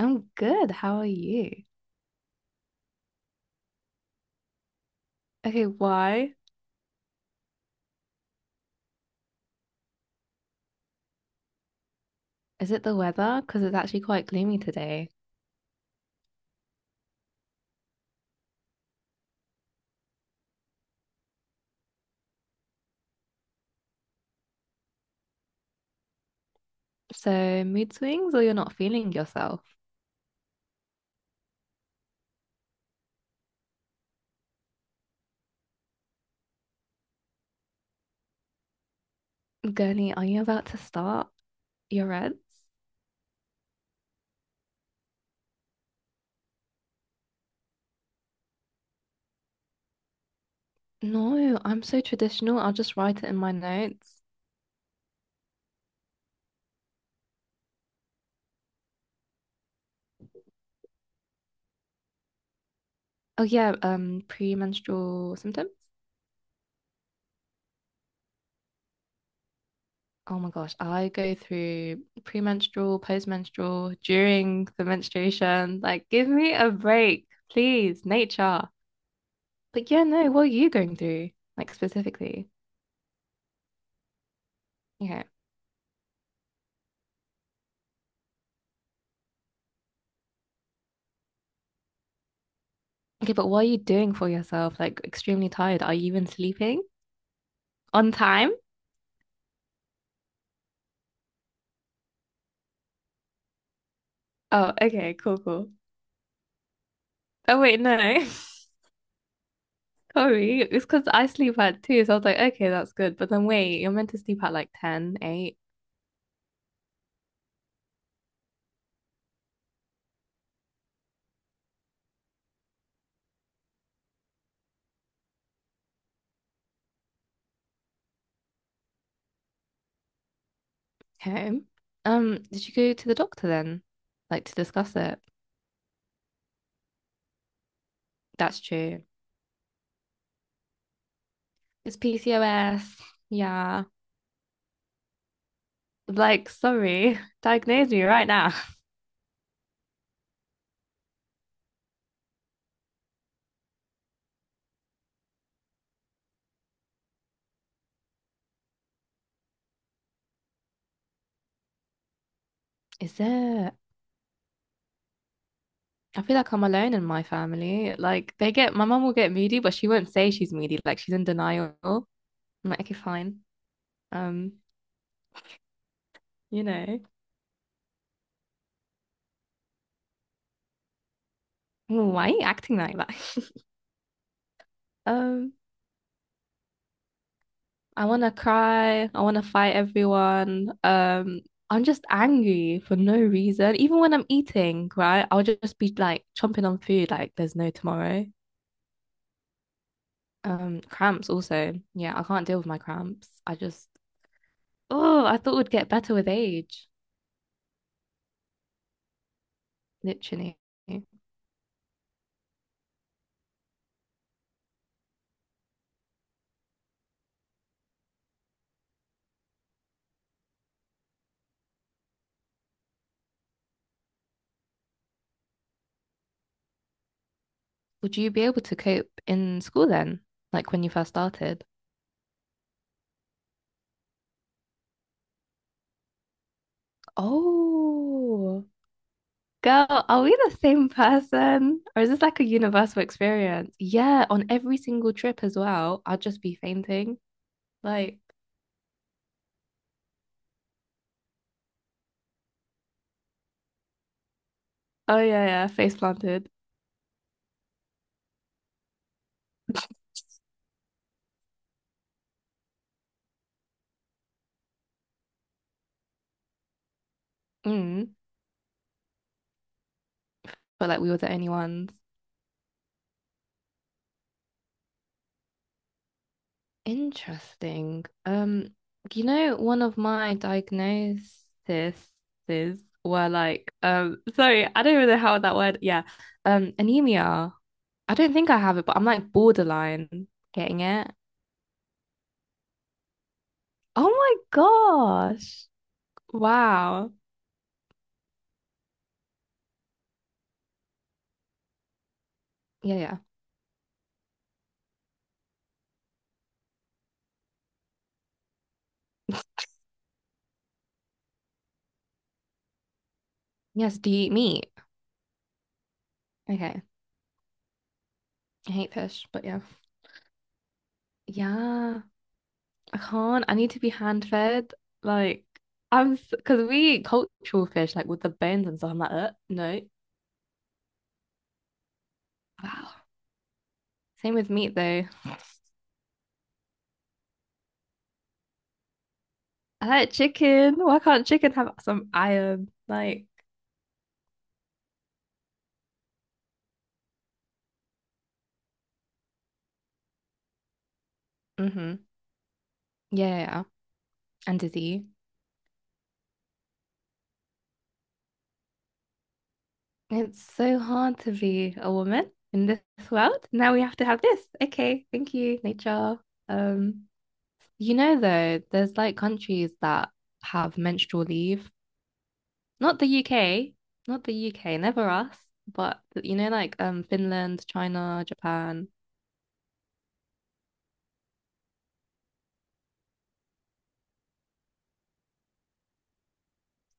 I'm good. How are you? Okay, why? Is it the weather? Because it's actually quite gloomy today. So, mood swings or you're not feeling yourself? Gurney, are you about to start your reds? No, I'm so traditional. I'll just write it in my notes. Oh yeah, premenstrual symptoms. Oh my gosh, I go through premenstrual, postmenstrual, during the menstruation. Like, give me a break, please, nature. But yeah, no, what are you going through? Like specifically? Yeah. Okay, but what are you doing for yourself? Like extremely tired. Are you even sleeping on time? Oh, okay, cool, cool. Oh wait, no. Sorry. It's because I sleep at two, so I was like, okay, that's good. But then wait, you're meant to sleep at like 10, eight. Okay. Did you go to the doctor then? Like to discuss it? That's true. It's PCOS. Yeah. Like, sorry. Diagnose me right now. Is it? I feel like I'm alone in my family. Like they get my mum will get moody, but she won't say she's moody. Like she's in denial. I'm like, okay, fine. Um, you know, why are you acting like that? Um, I wanna cry. I wanna fight everyone. I'm just angry for no reason. Even when I'm eating, right? I'll just be like chomping on food, like there's no tomorrow. Cramps also. Yeah, I can't deal with my cramps. I just, oh, I thought it would get better with age, literally. Would you be able to cope in school then? Like when you first started? Oh, girl, are we the same person? Or is this like a universal experience? Yeah, on every single trip as well, I'd just be fainting. Like, oh yeah, yeah, face planted. Mm. But like we were the only ones. Interesting. One of my diagnoses were like, sorry, I don't even know how that word, yeah, anemia. I don't think I have it, but I'm like borderline getting it. Oh my gosh. Wow. Yeah, yeah. Yes, do you eat meat? Okay. I hate fish, but yeah. Yeah, I can't. I need to be hand fed. Like, I'm because we eat cultural fish, like with the bones and stuff. I'm like, no. Wow. Same with meat though. I like chicken. Why can't chicken have some iron? Like, hmm. Yeah, and disease. It's so hard to be a woman in this world. Now we have to have this. Okay, thank you, nature. Um, there's like countries that have menstrual leave. Not the UK, not the UK, never us, but like Finland, China, Japan.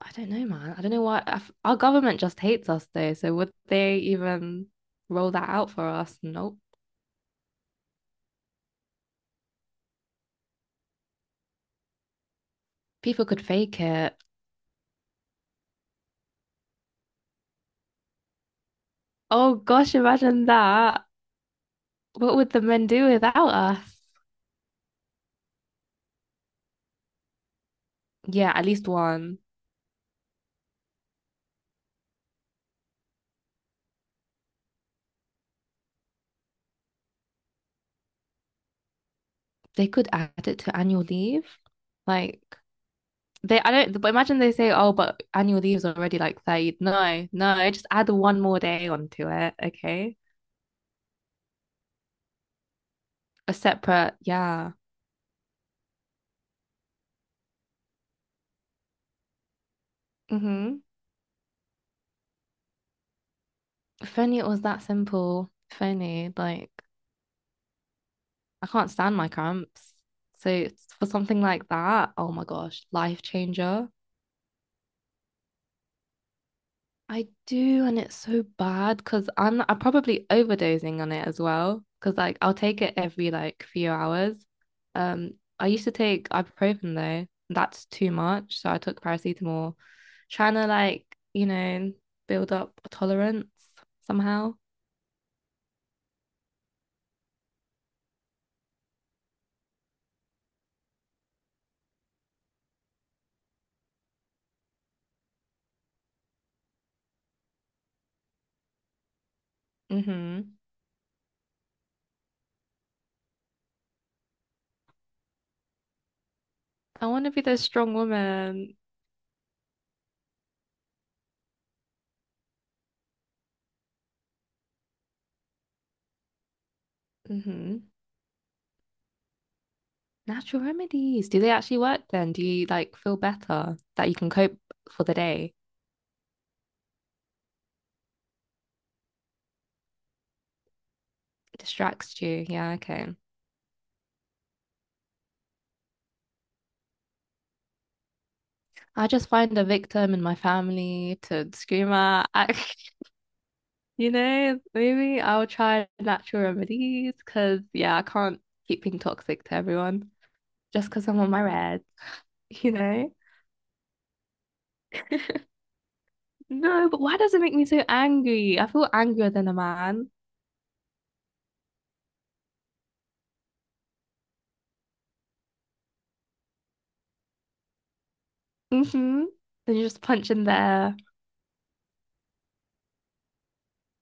I don't know, man. I don't know why I f- Our government just hates us though. So would they even roll that out for us? Nope. People could fake it. Oh gosh, imagine that. What would the men do without us? Yeah, at least one. They could add it to annual leave. Like they, I don't, but imagine they say, oh, but annual leave is already like 30. No, no, just add one more day onto it. Okay. A separate, yeah. Mm-hmm. If only it was that simple. If only, like, I can't stand my cramps. So it's for something like that, oh my gosh, life changer. I do, and it's so bad because I'm probably overdosing on it as well. Because like I'll take it every like few hours. Um, I used to take ibuprofen though. That's too much, so I took paracetamol, trying to you know build up a tolerance somehow. Mm-hmm. I want to be this strong woman. Mm-hmm. Natural remedies. Do they actually work then? Do you like feel better that you can cope for the day? It distracts you. Yeah, okay. I just find a victim in my family to scream at. I, maybe I'll try natural remedies because, yeah, I can't keep being toxic to everyone just because I'm on my red, you know? No, but why does it make me so angry? I feel angrier than a man. Mm-hmm. Then you just punch in the air.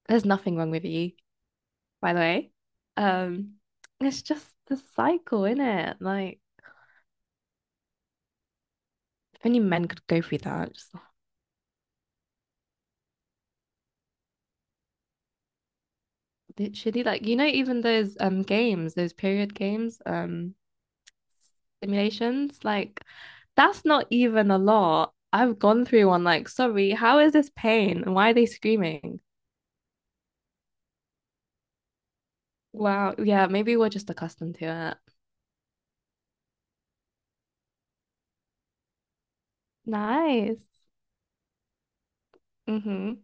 There's nothing wrong with you, by the way. Um, it's just the cycle, isn't it? Like, if only men could go through that, just literally, like, you know, even those games, those period games, simulations, like, that's not even a lot. I've gone through one, like, sorry, how is this pain? And why are they screaming? Wow, yeah, maybe we're just accustomed to it. Nice. Mm-hmm.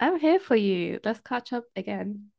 I'm here for you. Let's catch up again.